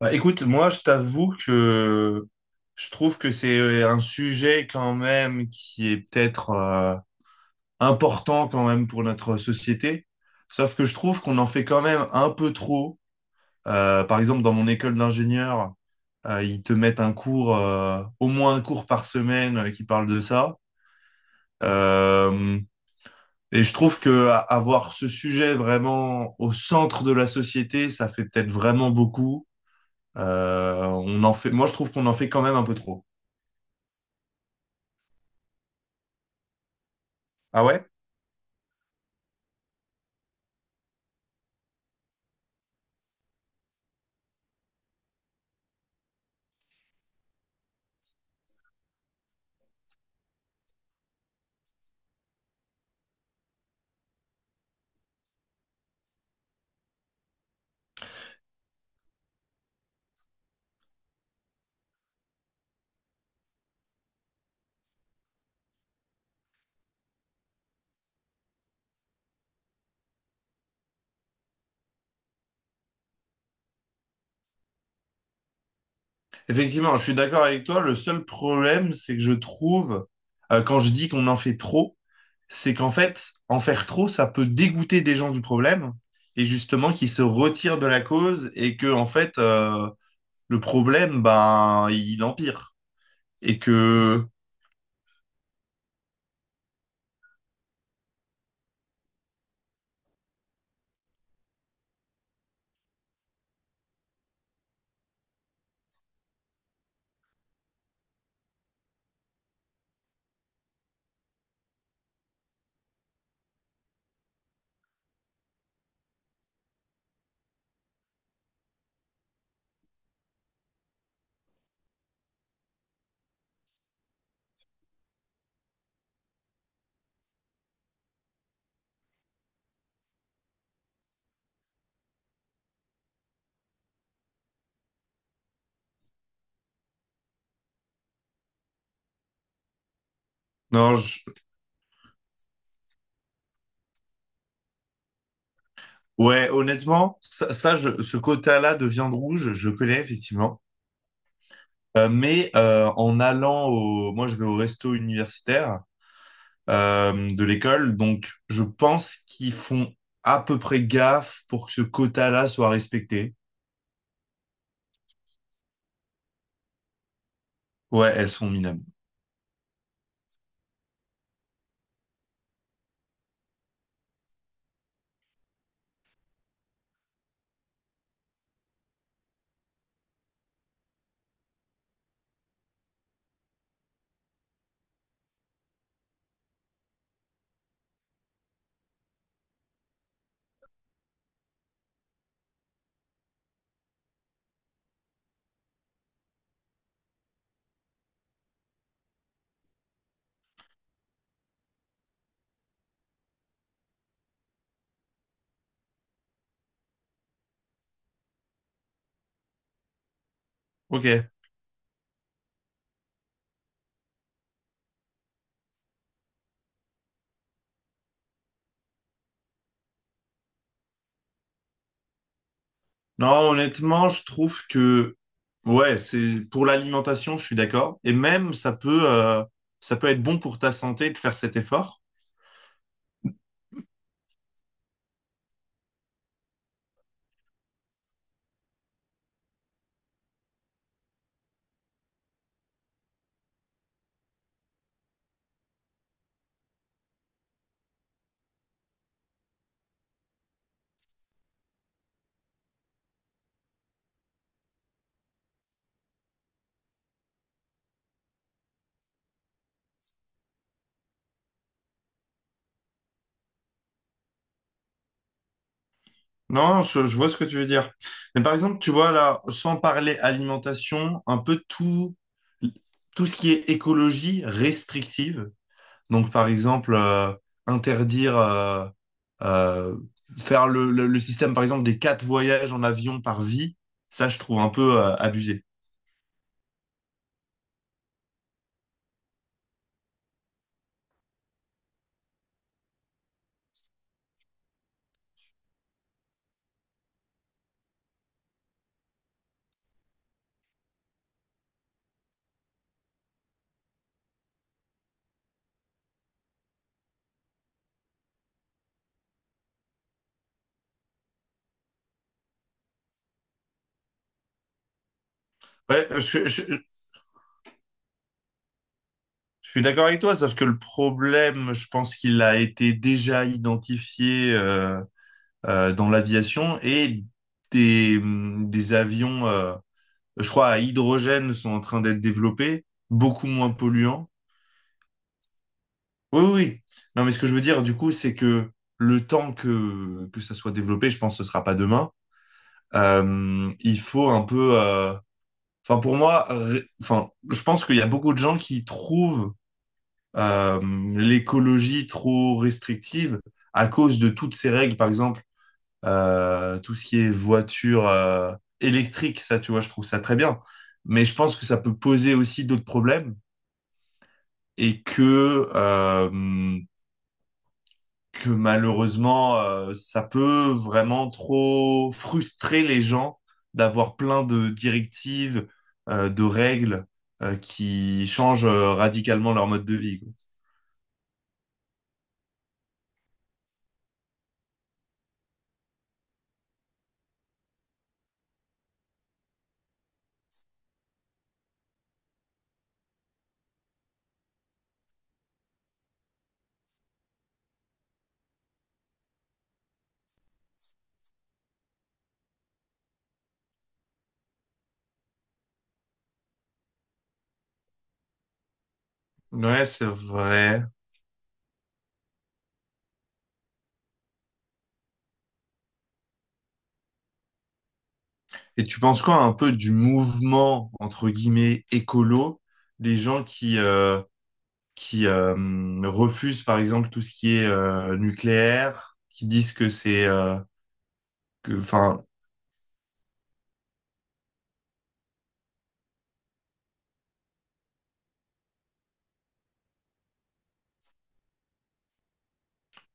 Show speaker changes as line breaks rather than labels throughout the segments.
Bah, écoute, moi, je t'avoue que je trouve que c'est un sujet quand même qui est peut-être important quand même pour notre société. Sauf que je trouve qu'on en fait quand même un peu trop. Par exemple, dans mon école d'ingénieur, ils te mettent un cours, au moins un cours par semaine qui parle de ça. Euh, et je trouve que avoir ce sujet vraiment au centre de la société, ça fait peut-être vraiment beaucoup. On en fait... Moi, je trouve qu'on en fait quand même un peu trop. Ah ouais? Effectivement, je suis d'accord avec toi. Le seul problème, c'est que je trouve, quand je dis qu'on en fait trop, c'est qu'en fait, en faire trop, ça peut dégoûter des gens du problème et justement qu'ils se retirent de la cause et que, en fait, le problème, ben, il empire. Et que, non, ouais, honnêtement, ça, ce quota-là de viande rouge, je connais effectivement. Mais en allant au... Moi, je vais au resto universitaire de l'école, donc je pense qu'ils font à peu près gaffe pour que ce quota-là soit respecté. Ouais, elles sont minables. Ok. Non, honnêtement, je trouve que... Ouais, c'est pour l'alimentation, je suis d'accord. Et même, ça peut être bon pour ta santé de faire cet effort. Non, je vois ce que tu veux dire. Mais par exemple, tu vois là, sans parler alimentation, un peu tout, tout ce qui est écologie restrictive. Donc par exemple, interdire, euh, faire le, le système par exemple des quatre voyages en avion par vie, ça je trouve un peu abusé. Ouais, je suis d'accord avec toi, sauf que le problème, je pense qu'il a été déjà identifié. Dans l'aviation et des avions, je crois, à hydrogène sont en train d'être développés, beaucoup moins polluants. Oui, oui. Oui. Non, mais ce que je veux dire, du coup, c'est que le temps que ça soit développé, je pense que ce sera pas demain, il faut un peu... Enfin, pour moi, enfin, je pense qu'il y a beaucoup de gens qui trouvent euh, l'écologie trop restrictive à cause de toutes ces règles, par exemple. Tout ce qui est voiture électrique, ça, tu vois, je trouve ça très bien. Mais je pense que ça peut poser aussi d'autres problèmes et que malheureusement, ça peut vraiment trop frustrer les gens d'avoir plein de directives, de règles, qui changent radicalement leur mode de vie. Quoi. Ouais, c'est vrai. Et tu penses quoi un peu du mouvement, entre guillemets, écolo, des gens qui refusent par exemple tout ce qui est nucléaire, qui disent que c'est que enfin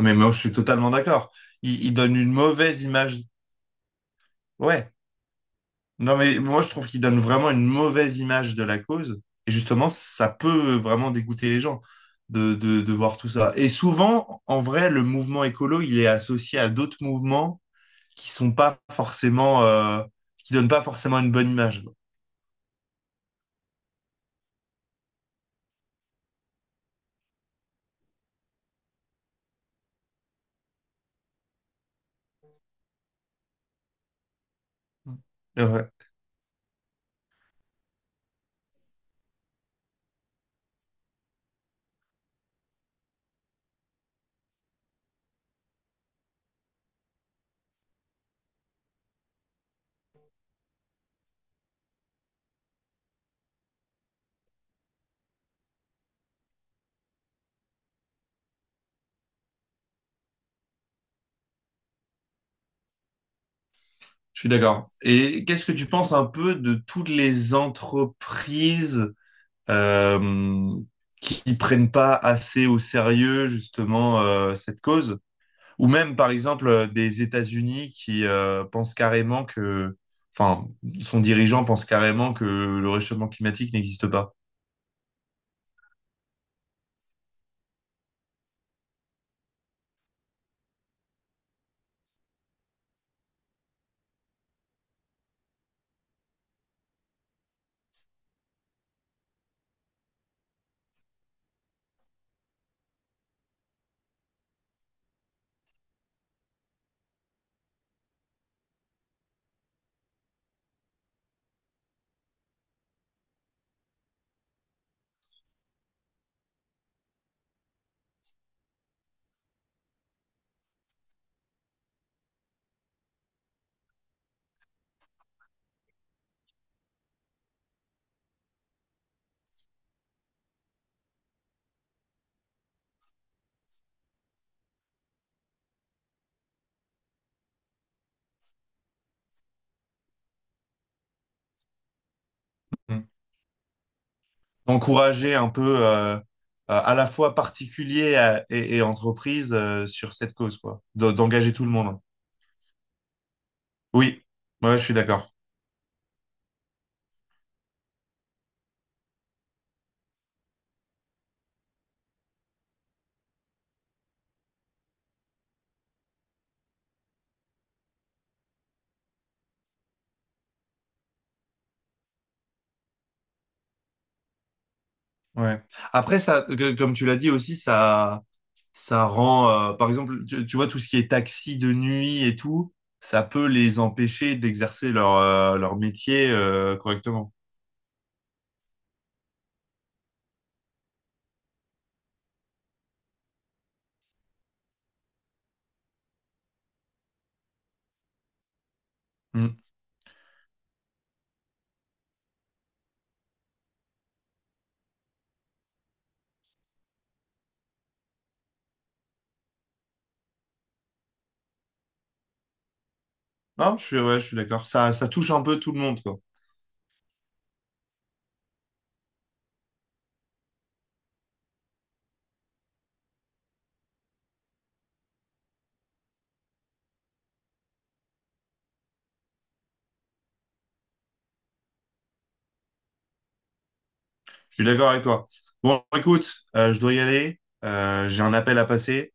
mais moi je suis totalement d'accord. Ils donnent une mauvaise image. Ouais. Non mais moi je trouve qu'ils donnent vraiment une mauvaise image de la cause et justement ça peut vraiment dégoûter les gens de voir tout ça. Et souvent en vrai le mouvement écolo, il est associé à d'autres mouvements qui sont pas forcément qui donnent pas forcément une bonne image. Euh, Je suis d'accord. Et qu'est-ce que tu penses un peu de toutes les entreprises euh, qui ne prennent pas assez au sérieux justement cette cause? Ou même par exemple des États-Unis qui pensent carrément que, enfin, son dirigeant pense carrément que le réchauffement climatique n'existe pas. Mm. Encourager un peu à la fois particuliers à- et entreprises sur cette cause, quoi. D'engager tout le monde. Oui, moi je suis d'accord. Ouais. Après, ça, comme tu l'as dit aussi, ça rend, par exemple, tu vois, tout ce qui est taxi de nuit et tout, ça peut les empêcher d'exercer leur, leur métier, correctement. Mm. Non, je suis, ouais, je suis d'accord. Ça touche un peu tout le monde, quoi. Je suis d'accord avec toi. Bon, écoute, je dois y aller. J'ai un appel à passer.